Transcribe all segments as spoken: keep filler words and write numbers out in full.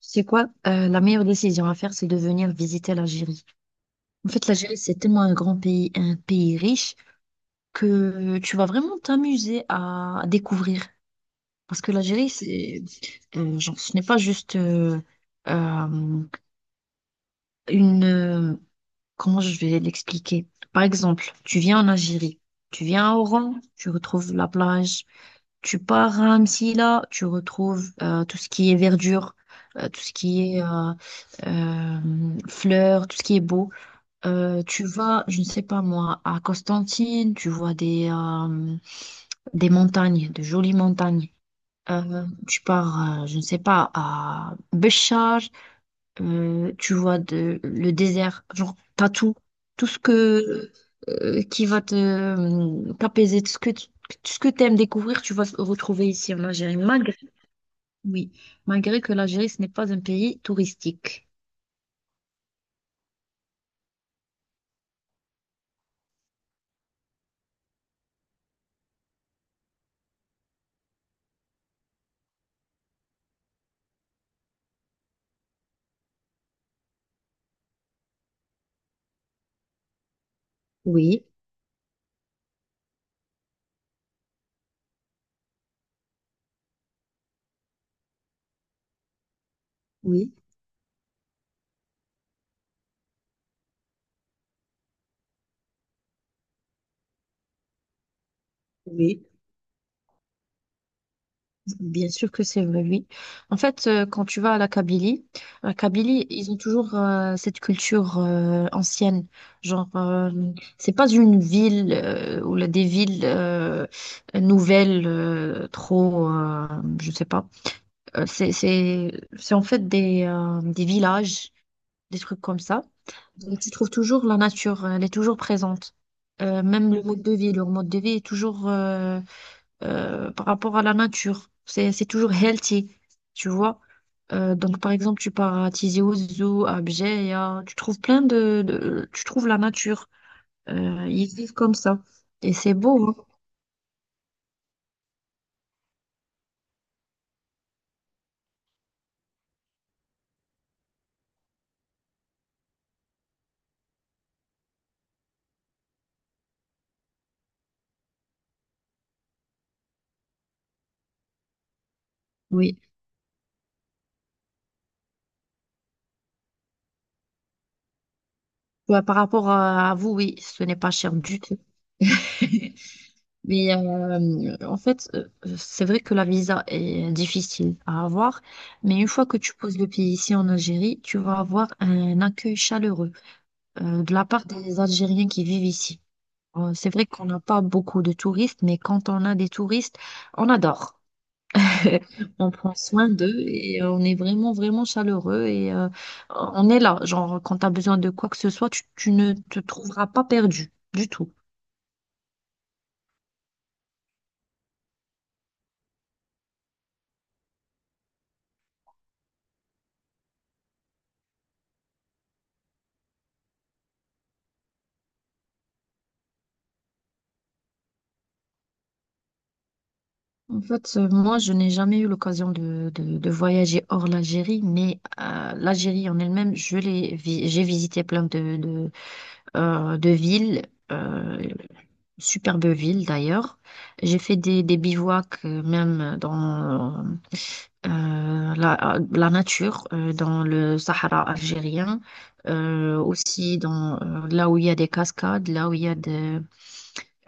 C'est quoi? Euh, la meilleure décision à faire, c'est de venir visiter l'Algérie. En fait, l'Algérie, c'est tellement un grand pays, un pays riche, que tu vas vraiment t'amuser à découvrir. Parce que l'Algérie, c'est, euh, genre, ce n'est pas juste euh, euh, une... euh, comment je vais l'expliquer? Par exemple, tu viens en Algérie, tu viens à Oran, tu retrouves la plage. Tu pars à Amsila, tu retrouves euh, tout ce qui est verdure, euh, tout ce qui est euh, euh, fleurs, tout ce qui est beau. Euh, tu vas, je ne sais pas moi, à Constantine, tu vois des, euh, des montagnes, de jolies montagnes. Euh, tu pars, euh, je ne sais pas, à Béchar, euh, tu vois, de, le désert, genre, t'as tout, tout ce que, euh, qui va te, euh, t'apaiser, tout ce que, tu- tout ce que t'aimes découvrir, tu vas se retrouver ici en Algérie, malgré, oui, malgré que l'Algérie, ce n'est pas un pays touristique. Oui, oui, oui. Bien sûr que c'est vrai, oui. En fait, euh, quand tu vas à la Kabylie, la Kabylie, ils ont toujours euh, cette culture euh, ancienne. Genre, euh, c'est pas une ville euh, ou là, des villes euh, nouvelles euh, trop, euh, je sais pas. Euh, c'est, c'est, c'est en fait des, euh, des villages, des trucs comme ça. Donc, tu trouves toujours la nature, elle est toujours présente. Euh, même le mode de vie, leur mode de vie est toujours euh, euh, par rapport à la nature. C'est, c'est toujours healthy, tu vois. Euh, donc, par exemple, tu pars à Tizi Ouzou, à Bjeya, tu trouves plein de, de- Tu trouves la nature. Euh, ils vivent comme ça. Et c'est beau, hein. Oui. Bah, par rapport à, à vous, oui, ce n'est pas cher du tout. Mais euh, en fait, euh, c'est vrai que la visa est difficile à avoir, mais une fois que tu poses le pied ici en Algérie, tu vas avoir un accueil chaleureux euh, de la part des Algériens qui vivent ici. Euh, C'est vrai qu'on n'a pas beaucoup de touristes, mais quand on a des touristes, on adore. On prend soin d'eux et euh, on est vraiment, vraiment chaleureux et euh, on est là. Genre, quand tu as besoin de quoi que ce soit, tu, tu ne te trouveras pas perdu du tout. En fait, euh, moi, je n'ai jamais eu l'occasion de, de- de voyager hors l'Algérie, mais euh, l'Algérie en elle-même, je l'ai vi- j'ai visité plein de, de, euh, de villes. Euh, Superbe ville d'ailleurs. J'ai fait des, des bivouacs euh, même dans euh, la, euh, la nature, euh, dans le Sahara algérien, euh, aussi dans euh, là où il y a des cascades, là où il y a des,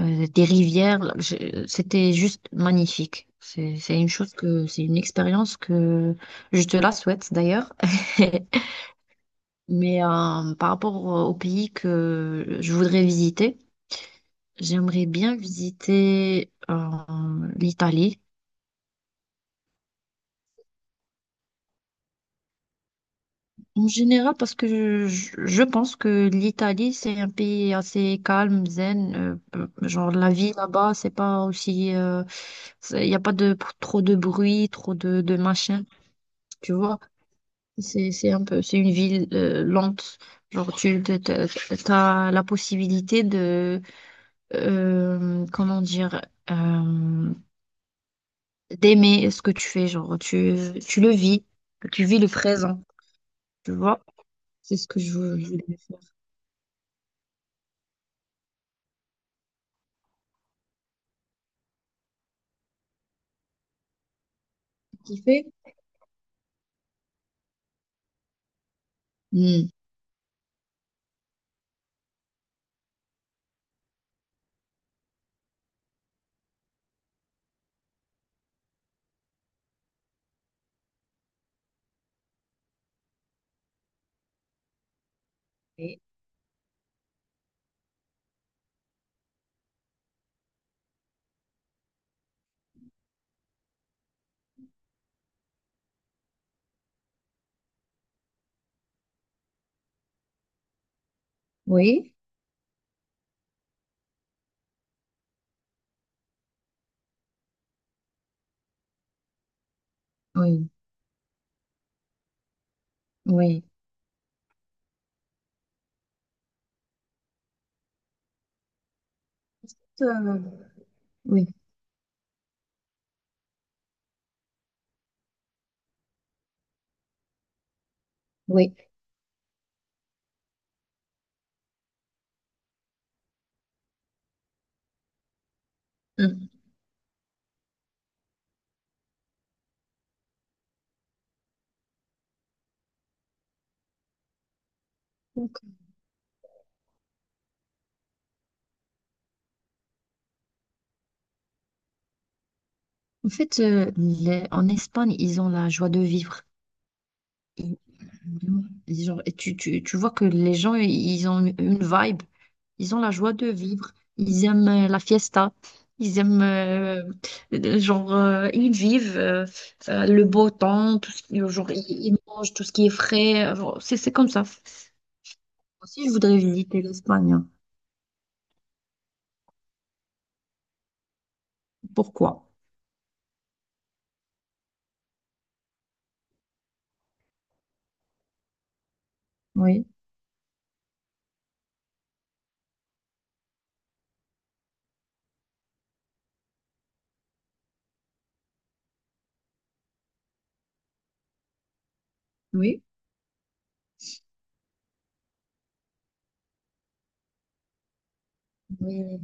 euh, des rivières. Là, j'ai- C'était juste magnifique. C'est, c'est une chose que, c'est une expérience que je te la souhaite d'ailleurs. Mais euh, par rapport au pays que je voudrais visiter, j'aimerais bien visiter euh, l'Italie. En général, parce que je, je- je pense que l'Italie, c'est un pays assez calme, zen. euh, euh, Genre, la vie là-bas, c'est pas aussi. Il n'y a pas de, trop de bruit, trop de, de machin. Tu vois, c'est, c'est un peu, c'est une ville euh, lente. Genre, tu as la possibilité de. Euh, comment dire. euh, D'aimer ce que tu fais, genre tu, tu le vis, tu vis le présent, tu vois. C'est ce que je veux- je voulais faire. Kiffer? Hmm. Oui. Oui, oui, oui, Euh, oui, oui. Hmm. donc, En fait, euh, les- en Espagne, ils ont la joie de vivre. Genre et tu, tu, tu vois que les gens, ils ont une vibe, ils ont la joie de vivre, ils aiment euh, la fiesta, ils aiment, euh, euh, genre, euh, ils vivent euh, euh, le beau temps, tout ce qui, euh, genre, ils, ils mangent tout ce qui est frais, euh, genre, c'est, c'est comme ça. Aussi, je voudrais visiter l'Espagne, hein. Pourquoi? Oui, oui, oui,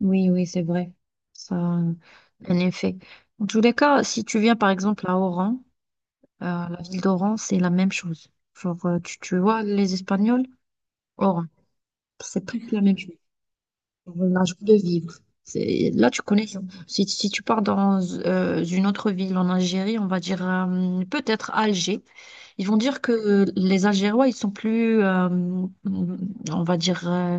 oui, oui, c'est vrai. Ça a un effet. En tous les cas, si tu viens par exemple à Oran, Euh, la ville d'Oran, c'est la même chose. Genre, euh, tu, tu vois, les Espagnols, Oran, c'est presque la même chose. Genre, la joie de vivre. C'est- Là, tu connais. Si, si tu pars dans euh, une autre ville en Algérie, on va dire euh, peut-être Alger, ils vont dire que les Algérois, ils sont plus, euh, on va dire, euh,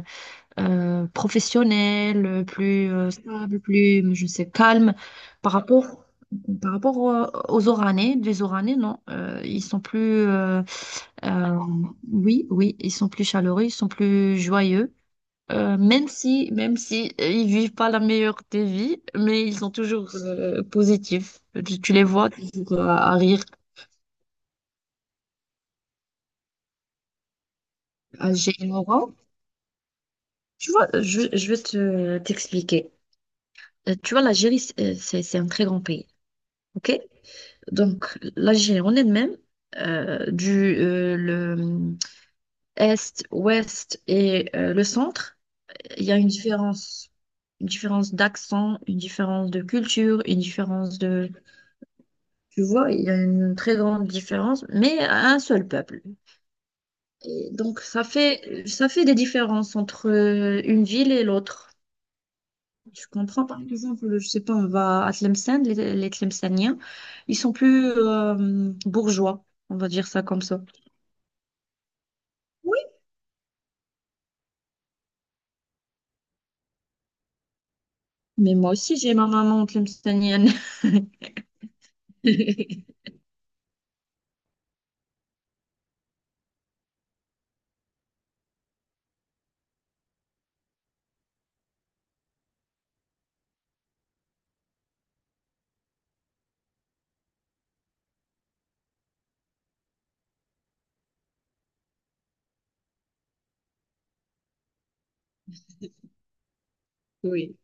euh, professionnels, plus euh, stables, plus, je sais, calmes par rapport. Par rapport aux aux Oranais, les Oranais, non, euh, ils sont plus, euh, euh, oui, oui, ils sont plus chaleureux, ils sont plus joyeux. Euh, même si, même si euh, ils vivent pas la meilleure des vies, mais ils sont toujours euh, positifs. Tu, tu les vois toujours euh, à rire, à Moran. Tu vois, euh, je, je vais te t'expliquer. Euh, tu vois, l'Algérie, c'est euh, c'est- c'est un très grand pays, ok? Donc, l'Algérie en elle-même, euh, du euh, le euh, est, ouest et euh, le centre. Il y a une différence, une différence d'accent, une différence de culture, une différence de... Tu vois, il y a une très grande différence, mais à un seul peuple. Et donc, ça fait, ça fait des différences entre euh, une ville et l'autre. Je comprends, par exemple, je sais pas, on va à Tlemcen, les, les Tlemceniens, ils sont plus euh, bourgeois, on va dire ça comme ça. Oui, mais moi aussi, j'ai ma maman tlemcenienne. Oui,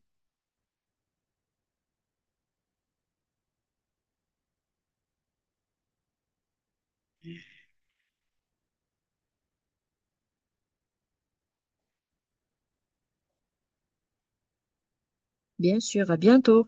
bien sûr, à bientôt.